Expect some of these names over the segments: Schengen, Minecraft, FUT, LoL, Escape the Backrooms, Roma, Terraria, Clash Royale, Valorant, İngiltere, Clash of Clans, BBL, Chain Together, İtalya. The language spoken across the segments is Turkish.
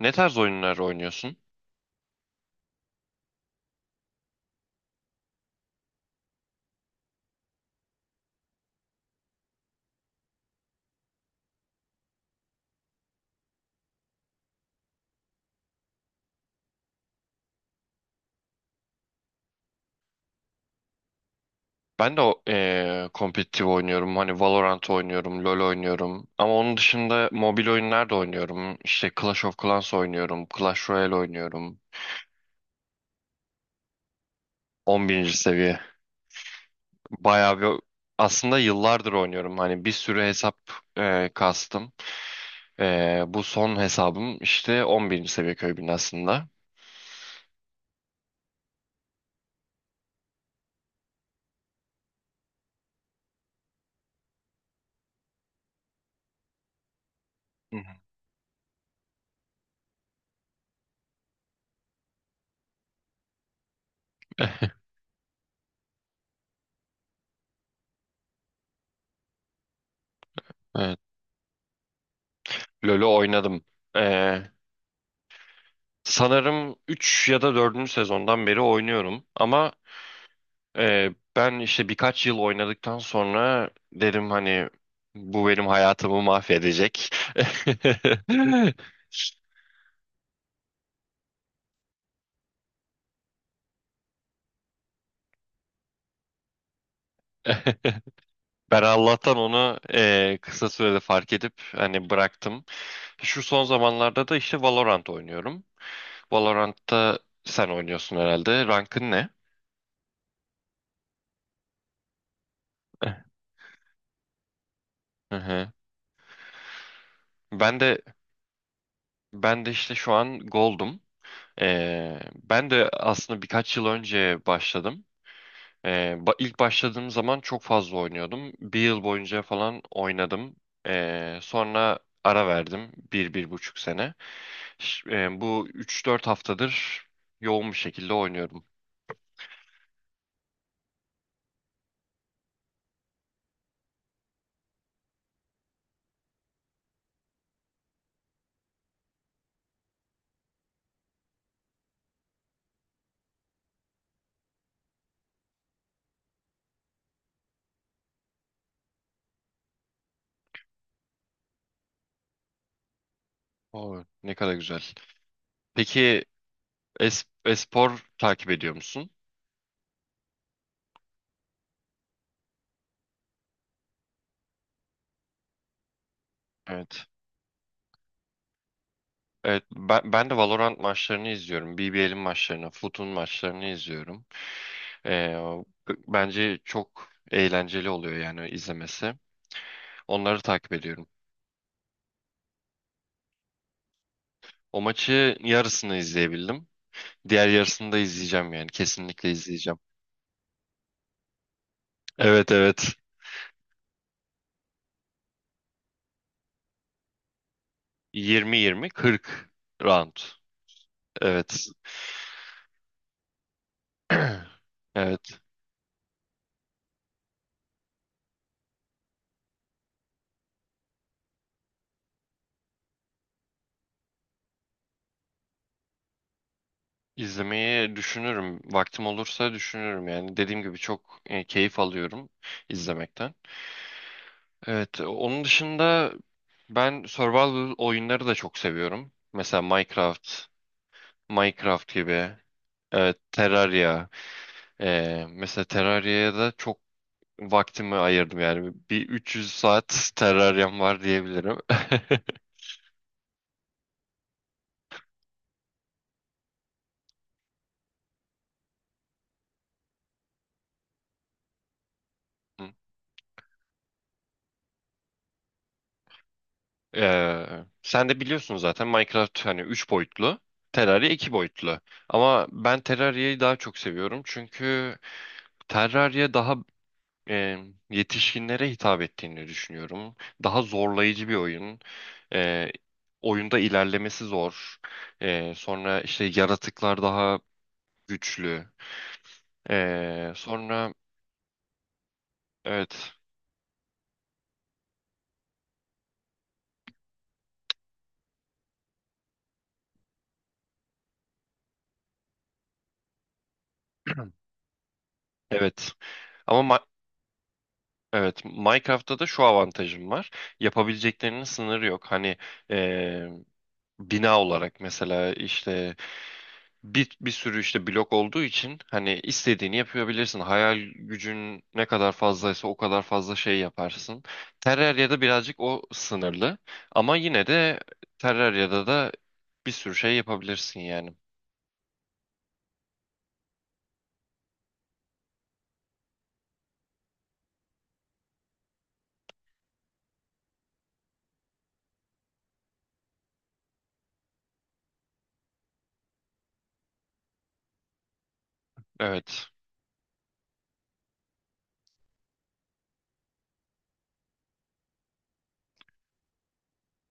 Ne tarz oyunlar oynuyorsun? Ben de kompetitif oynuyorum. Hani Valorant oynuyorum, LoL oynuyorum. Ama onun dışında mobil oyunlar da oynuyorum. İşte Clash of Clans oynuyorum, Clash Royale oynuyorum. 11. seviye. Bayağı bir, aslında yıllardır oynuyorum. Hani bir sürü hesap kastım. Bu son hesabım işte 11. seviye köy binasında. Hı hı. Evet. LoL'ü oynadım. Ee, Sanırım 3 ya da dördüncü sezondan beri oynuyorum. Ama ben işte birkaç yıl oynadıktan sonra dedim hani bu benim hayatımı mahvedecek. Ben Allah'tan onu kısa sürede fark edip hani bıraktım. Şu son zamanlarda da işte Valorant oynuyorum. Valorant'ta sen oynuyorsun herhalde. Rankın ne? Eh, Hı hı. Ben de ben de işte şu an Gold'um. Ben de aslında birkaç yıl önce başladım. İlk başladığım zaman çok fazla oynuyordum. Bir yıl boyunca falan oynadım. Sonra ara verdim. Bir, bir buçuk sene. Bu 3-4 haftadır yoğun bir şekilde oynuyorum. Oo, ne kadar güzel. Peki espor takip ediyor musun? Evet. Evet, ben de Valorant maçlarını izliyorum. BBL'in maçlarını, FUT'un maçlarını izliyorum. Ee, Bence çok eğlenceli oluyor yani izlemesi. Onları takip ediyorum. O maçı yarısını izleyebildim. Diğer yarısını da izleyeceğim yani. Kesinlikle izleyeceğim. Evet, evet. 20-20, 40 round. Evet. Evet. İzlemeyi düşünürüm. Vaktim olursa düşünürüm yani. Dediğim gibi çok keyif alıyorum izlemekten. Evet. Onun dışında ben survival oyunları da çok seviyorum. Mesela Minecraft, Minecraft gibi. Evet, Terraria. Mesela Terraria'ya da çok vaktimi ayırdım yani. Bir 300 saat Terraria'm var diyebilirim. Ee, Sen de biliyorsun zaten Minecraft hani 3 boyutlu, Terraria iki boyutlu. Ama ben Terraria'yı daha çok seviyorum çünkü Terraria daha e, yetişkinlere hitap ettiğini düşünüyorum. Daha zorlayıcı bir oyun. Ee, Oyunda ilerlemesi zor. Sonra işte yaratıklar daha güçlü. Sonra evet, evet. Ama Ma- Evet, Minecraft'ta da şu avantajım var. Yapabileceklerinin sınırı yok. Hani eee, bina olarak mesela işte bir sürü işte blok olduğu için hani istediğini yapabilirsin. Hayal gücün ne kadar fazlaysa o kadar fazla şey yaparsın. Terraria'da birazcık o sınırlı. Ama yine de Terraria'da da bir sürü şey yapabilirsin yani. Evet.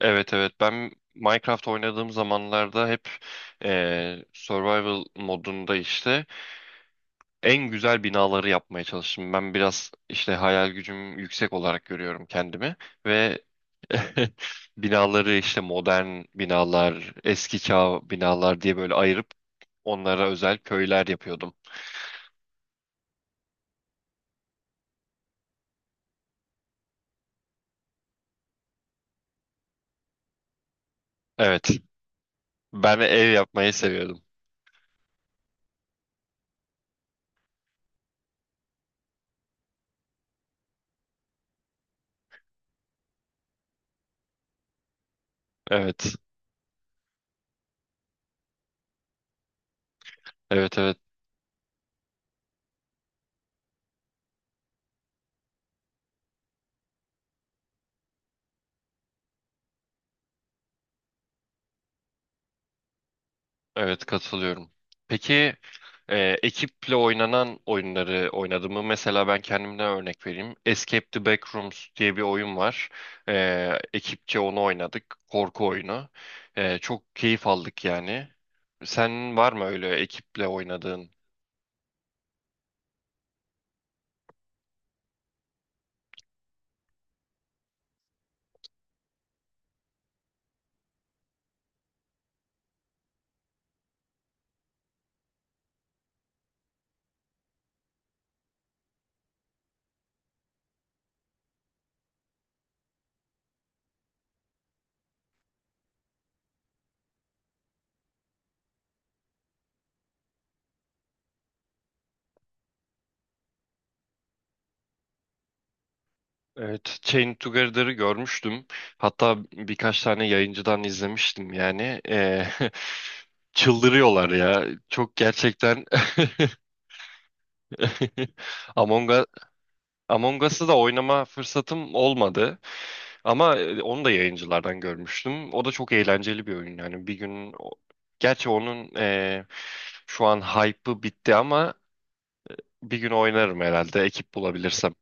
Evet, evet, ben Minecraft oynadığım zamanlarda hep survival modunda işte en güzel binaları yapmaya çalıştım. Ben biraz işte hayal gücüm yüksek olarak görüyorum kendimi ve binaları işte modern binalar, eski çağ binalar diye böyle ayırıp onlara özel köyler yapıyordum. Evet. Ben ev yapmayı seviyordum. Evet. Evet, evet. Evet, katılıyorum. Peki, e, ekiple oynanan oyunları oynadım mı? Mesela ben kendimden örnek vereyim. Escape the Backrooms diye bir oyun var. Ekipçe onu oynadık. Korku oyunu. Çok keyif aldık yani. Sen var mı öyle ekiple oynadığın? Evet, Chain Together'ı görmüştüm. Hatta birkaç tane yayıncıdan izlemiştim yani. Çıldırıyorlar ya. Çok gerçekten. Among Among Us'ı da oynama fırsatım olmadı ama onu da yayıncılardan görmüştüm. O da çok eğlenceli bir oyun yani. Bir gün gerçi onun şu an hype'ı bitti ama bir gün oynarım herhalde ekip bulabilirsem.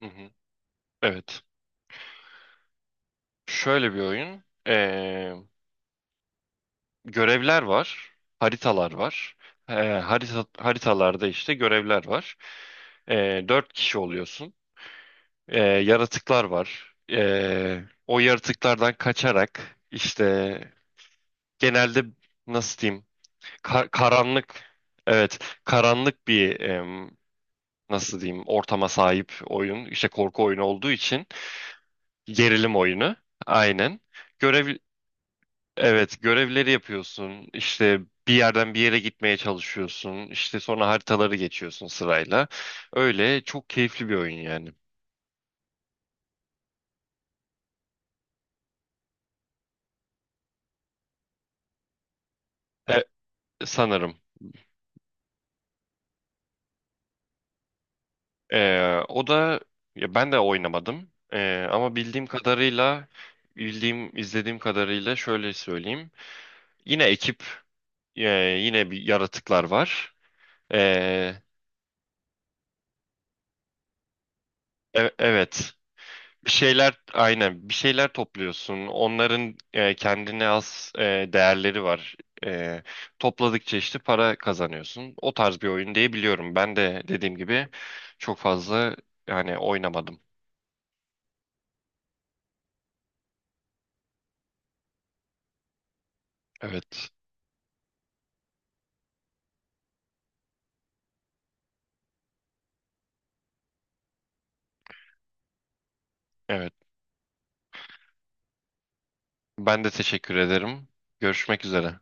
Hı hı. Evet. Şöyle bir oyun. Görevler var, haritalar var. Haritalarda işte görevler var. Dört kişi oluyorsun. Yaratıklar var. O yaratıklardan kaçarak işte, genelde, nasıl diyeyim, karanlık, evet, karanlık bir, nasıl diyeyim, ortama sahip oyun işte, korku oyunu olduğu için. Gerilim oyunu, aynen. görev Evet, görevleri yapıyorsun. İşte bir yerden bir yere gitmeye çalışıyorsun. İşte sonra haritaları geçiyorsun sırayla. Öyle çok keyifli bir oyun yani. E, Sanırım. O da, ya ben de oynamadım. Ama bildiğim izlediğim kadarıyla şöyle söyleyeyim. Yine ekip e, Yine, bir yaratıklar var. E, evet. Bir şeyler, aynen, bir şeyler topluyorsun. Onların kendine has değerleri var. E, Topladıkça işte para kazanıyorsun. O tarz bir oyun diye biliyorum. Ben de dediğim gibi çok fazla yani oynamadım. Evet. Evet. Ben de teşekkür ederim. Görüşmek üzere.